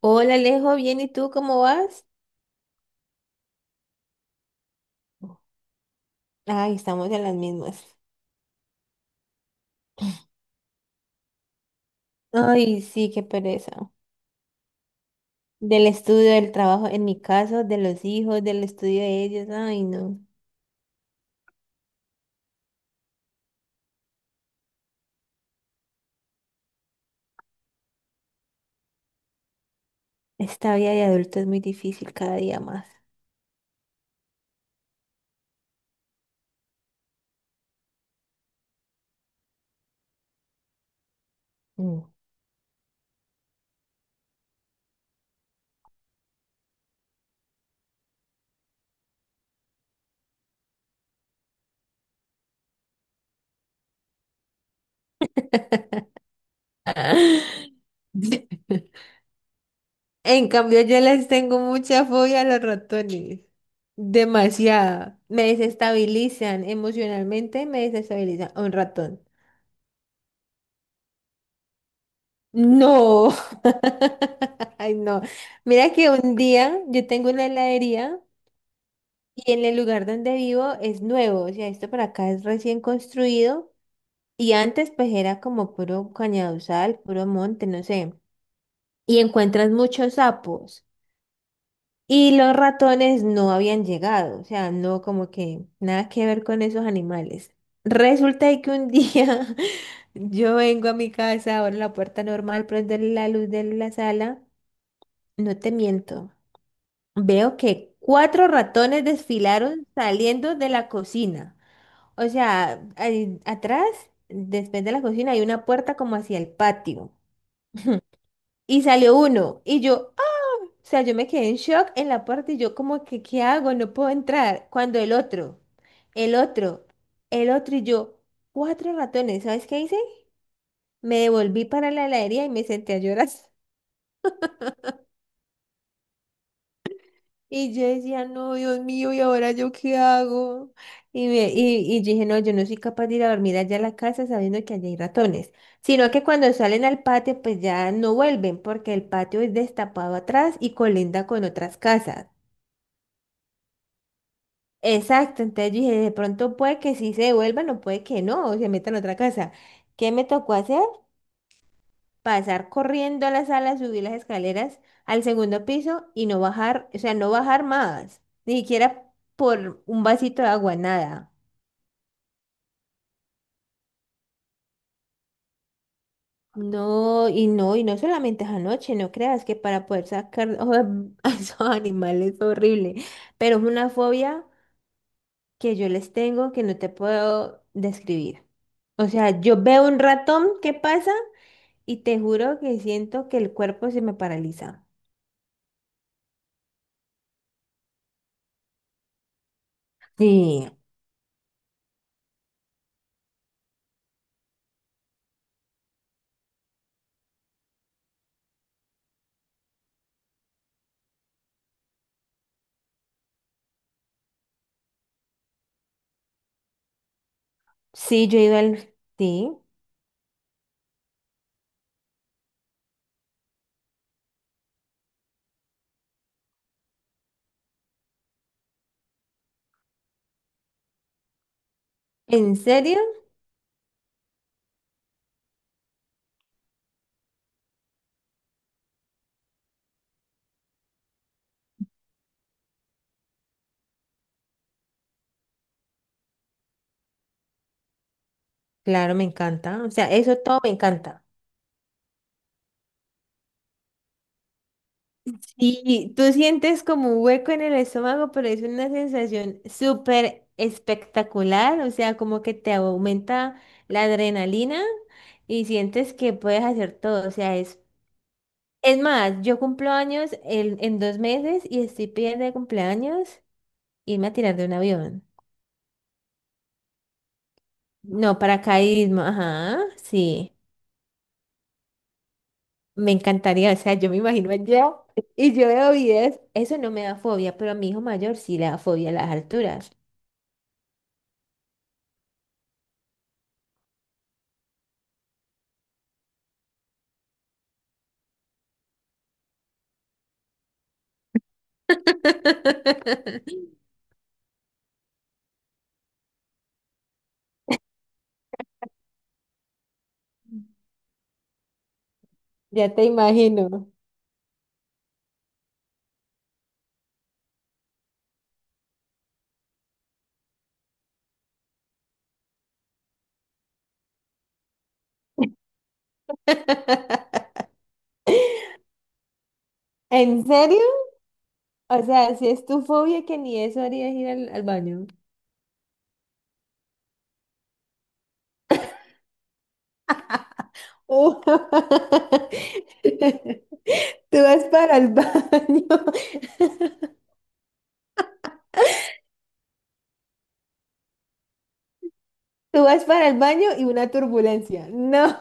Hola Alejo, bien, ¿y tú cómo vas? Ay, estamos en las mismas. Ay, sí, qué pereza. Del estudio, del trabajo, en mi caso, de los hijos, del estudio de ellos. Ay, no. Esta vida de adulto es muy difícil cada día más. Mm. En cambio, yo les tengo mucha fobia a los ratones. Demasiada. Me desestabilizan emocionalmente, me desestabiliza un ratón. No, ay no. Mira que un día yo tengo una heladería y en el lugar donde vivo es nuevo, o sea, esto por acá es recién construido y antes pues era como puro cañaduzal, puro monte, no sé. Y encuentras muchos sapos y los ratones no habían llegado, o sea, no como que nada que ver con esos animales. Resulta de que un día yo vengo a mi casa, abro la puerta normal, prendo la luz de la sala. No te miento. Veo que cuatro ratones desfilaron saliendo de la cocina. O sea, ahí atrás, después de la cocina, hay una puerta como hacia el patio. Y salió uno. Y yo, ¡ah! O sea, yo me quedé en shock en la puerta y yo como que, ¿qué hago? No puedo entrar. Cuando el otro, el otro, el otro y yo, cuatro ratones. ¿Sabes qué hice? Me devolví para la heladería y me senté a llorar. Y yo decía, no, Dios mío, ¿y ahora yo qué hago? Y yo dije, no, yo no soy capaz de ir a dormir allá a la casa sabiendo que allá hay ratones. Sino que cuando salen al patio, pues ya no vuelven, porque el patio es destapado atrás y colinda con otras casas. Exacto, entonces yo dije, de pronto puede que sí se devuelvan o puede que no, se metan a otra casa. ¿Qué me tocó hacer? Pasar corriendo a la sala, subir las escaleras al segundo piso y no bajar, o sea, no bajar más, ni siquiera por un vasito de agua, nada. No, y no, y no solamente es anoche, no creas que para poder sacar a esos animales es horrible, pero es una fobia que yo les tengo que no te puedo describir. O sea, yo veo un ratón que pasa y te juro que siento que el cuerpo se me paraliza. Sí, sí, yo iba al... Sí. ¿En serio? Claro, me encanta. O sea, eso todo me encanta. Y tú sientes como un hueco en el estómago, pero es una sensación súper espectacular. O sea, como que te aumenta la adrenalina y sientes que puedes hacer todo. O sea, es... Es más, yo cumplo años en dos meses y estoy pidiendo de cumpleaños irme a tirar de un avión. No, paracaidismo, ajá, sí. Me encantaría, o sea, yo me imagino allá y yo veo videos. Eso no me da fobia, pero a mi hijo mayor sí le da fobia a las alturas. Ya te imagino. ¿En serio? O sea, si es tu fobia que ni eso harías ir al, al baño. Uh. Tú vas para el baño. Tú vas para el baño y una turbulencia. No.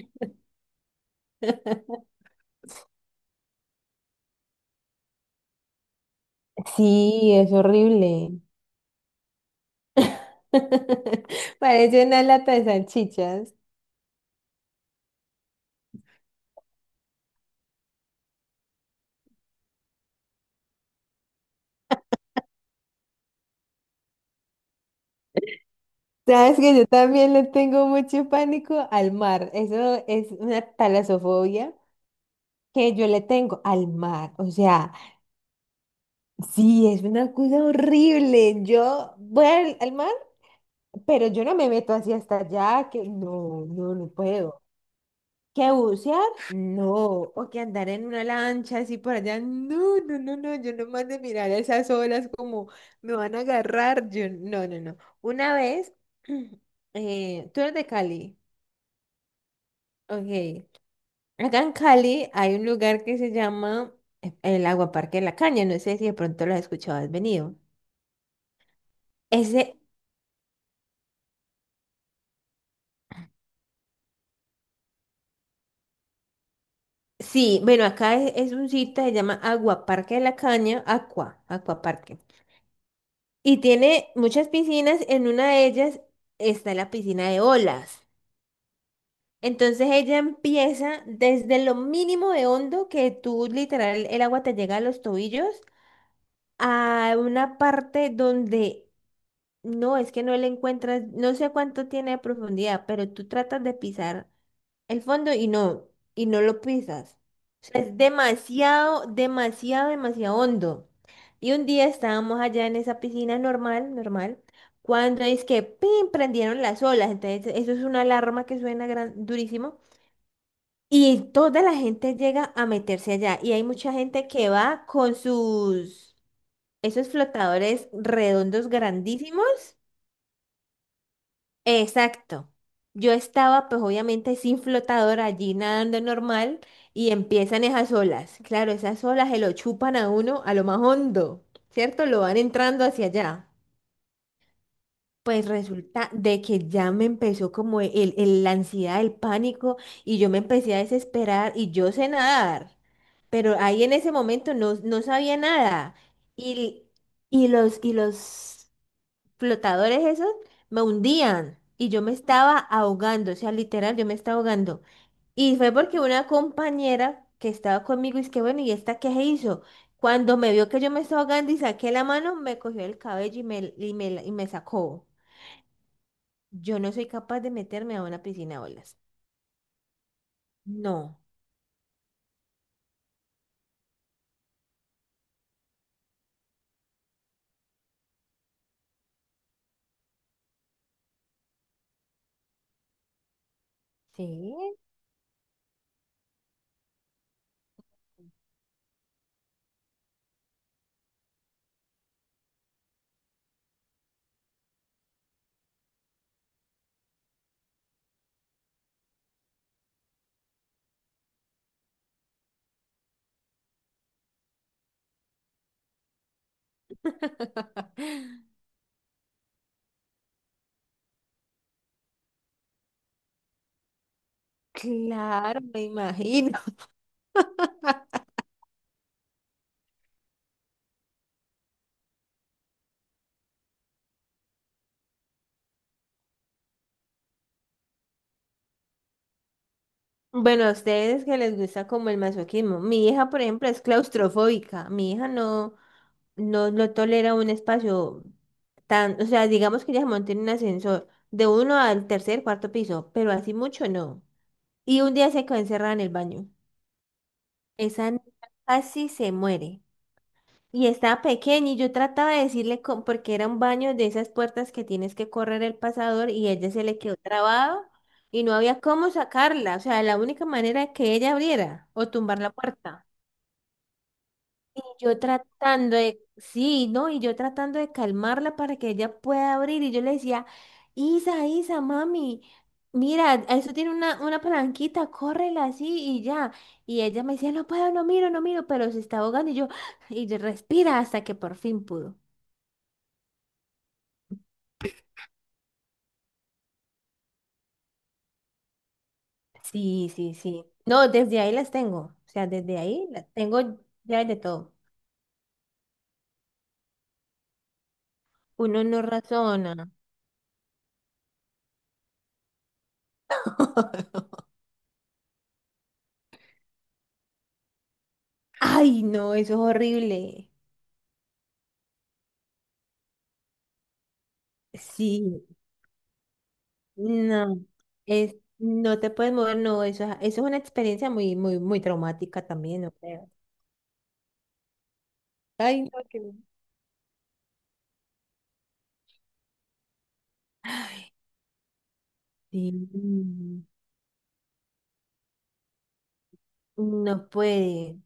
Sí, es horrible. Parece una lata de salchichas. Sabes que yo también le tengo mucho pánico al mar. Eso es una talasofobia que yo le tengo al mar. O sea, sí, es una cosa horrible. Yo voy al, al mar, pero yo no me meto así hasta allá, que no, no, no puedo. ¿Que bucear? No. O que andar en una lancha así por allá. No, no, no, no. Yo nomás de mirar esas olas como me van a agarrar. Yo, no, no, no. Una vez, tú eres de Cali. Ok. Acá en Cali hay un lugar que se llama el Aguaparque de la Caña. No sé si de pronto lo has escuchado, has venido. Ese, sí, bueno, acá es un sitio que se llama Aguaparque de la Caña, Aqua, Aquaparque. Y tiene muchas piscinas, en una de ellas está la piscina de olas. Entonces ella empieza desde lo mínimo de hondo que tú literal el agua te llega a los tobillos a una parte donde no, es que no le encuentras, no sé cuánto tiene de profundidad, pero tú tratas de pisar el fondo y no lo pisas. O sea, es demasiado, demasiado, demasiado hondo. Y un día estábamos allá en esa piscina normal, normal, cuando es que ¡pim! Prendieron las olas. Entonces, eso es una alarma que suena gran, durísimo. Y toda la gente llega a meterse allá. Y hay mucha gente que va con sus, esos flotadores redondos grandísimos. Exacto. Yo estaba, pues obviamente sin flotador allí nadando normal y empiezan esas olas. Claro, esas olas se lo chupan a uno a lo más hondo, ¿cierto? Lo van entrando hacia allá. Pues resulta de que ya me empezó como la ansiedad, el pánico y yo me empecé a desesperar y yo sé nadar, pero ahí en ese momento no, no sabía nada. Y, y los flotadores esos me hundían y yo me estaba ahogando, o sea, literal, yo me estaba ahogando. Y fue porque una compañera que estaba conmigo, y es que bueno, ¿y esta qué se hizo? Cuando me vio que yo me estaba ahogando y saqué la mano, me cogió el cabello y me sacó. Yo no soy capaz de meterme a una piscina de olas. No. Sí. Claro, me imagino. Bueno, a ustedes que les gusta como el masoquismo. Mi hija, por ejemplo, es claustrofóbica. Mi hija no, no, no tolera un espacio tan, o sea, digamos que ella se monta en un ascensor de uno al tercer, cuarto piso, pero así mucho no. Y un día se quedó encerrada en el baño. Esa niña casi se muere. Y estaba pequeña y yo trataba de decirle, porque era un baño de esas puertas que tienes que correr el pasador y ella se le quedó trabado y no había cómo sacarla. O sea, la única manera era que ella abriera o tumbar la puerta. Y yo tratando de, sí, ¿no? Y yo tratando de calmarla para que ella pueda abrir. Y yo le decía, Isa, Isa, mami, mira, eso tiene una palanquita, córrela así y ya. Y ella me decía, no puedo, no miro, no miro, pero se está ahogando. Y yo respira hasta que por fin pudo. Sí, sí, sí. No, desde ahí las tengo. O sea, desde ahí las tengo ya de todo. Uno no razona. Ay, no, eso es horrible. Sí, no. Es, no te puedes mover, no, eso, eso es una experiencia muy, muy, muy traumática también, no creo. Ay, no, que... no. Sí, no no puede.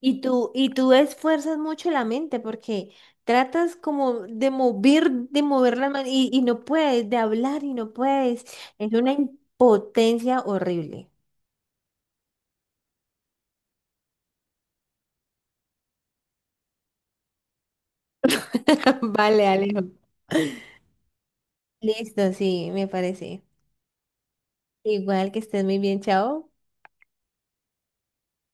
Y tú esfuerzas mucho la mente porque tratas como de mover la mano y no puedes, de hablar y no puedes. Es una impotencia horrible. Vale, Alejo. Listo, sí, me parece. Igual que estés muy bien, chao.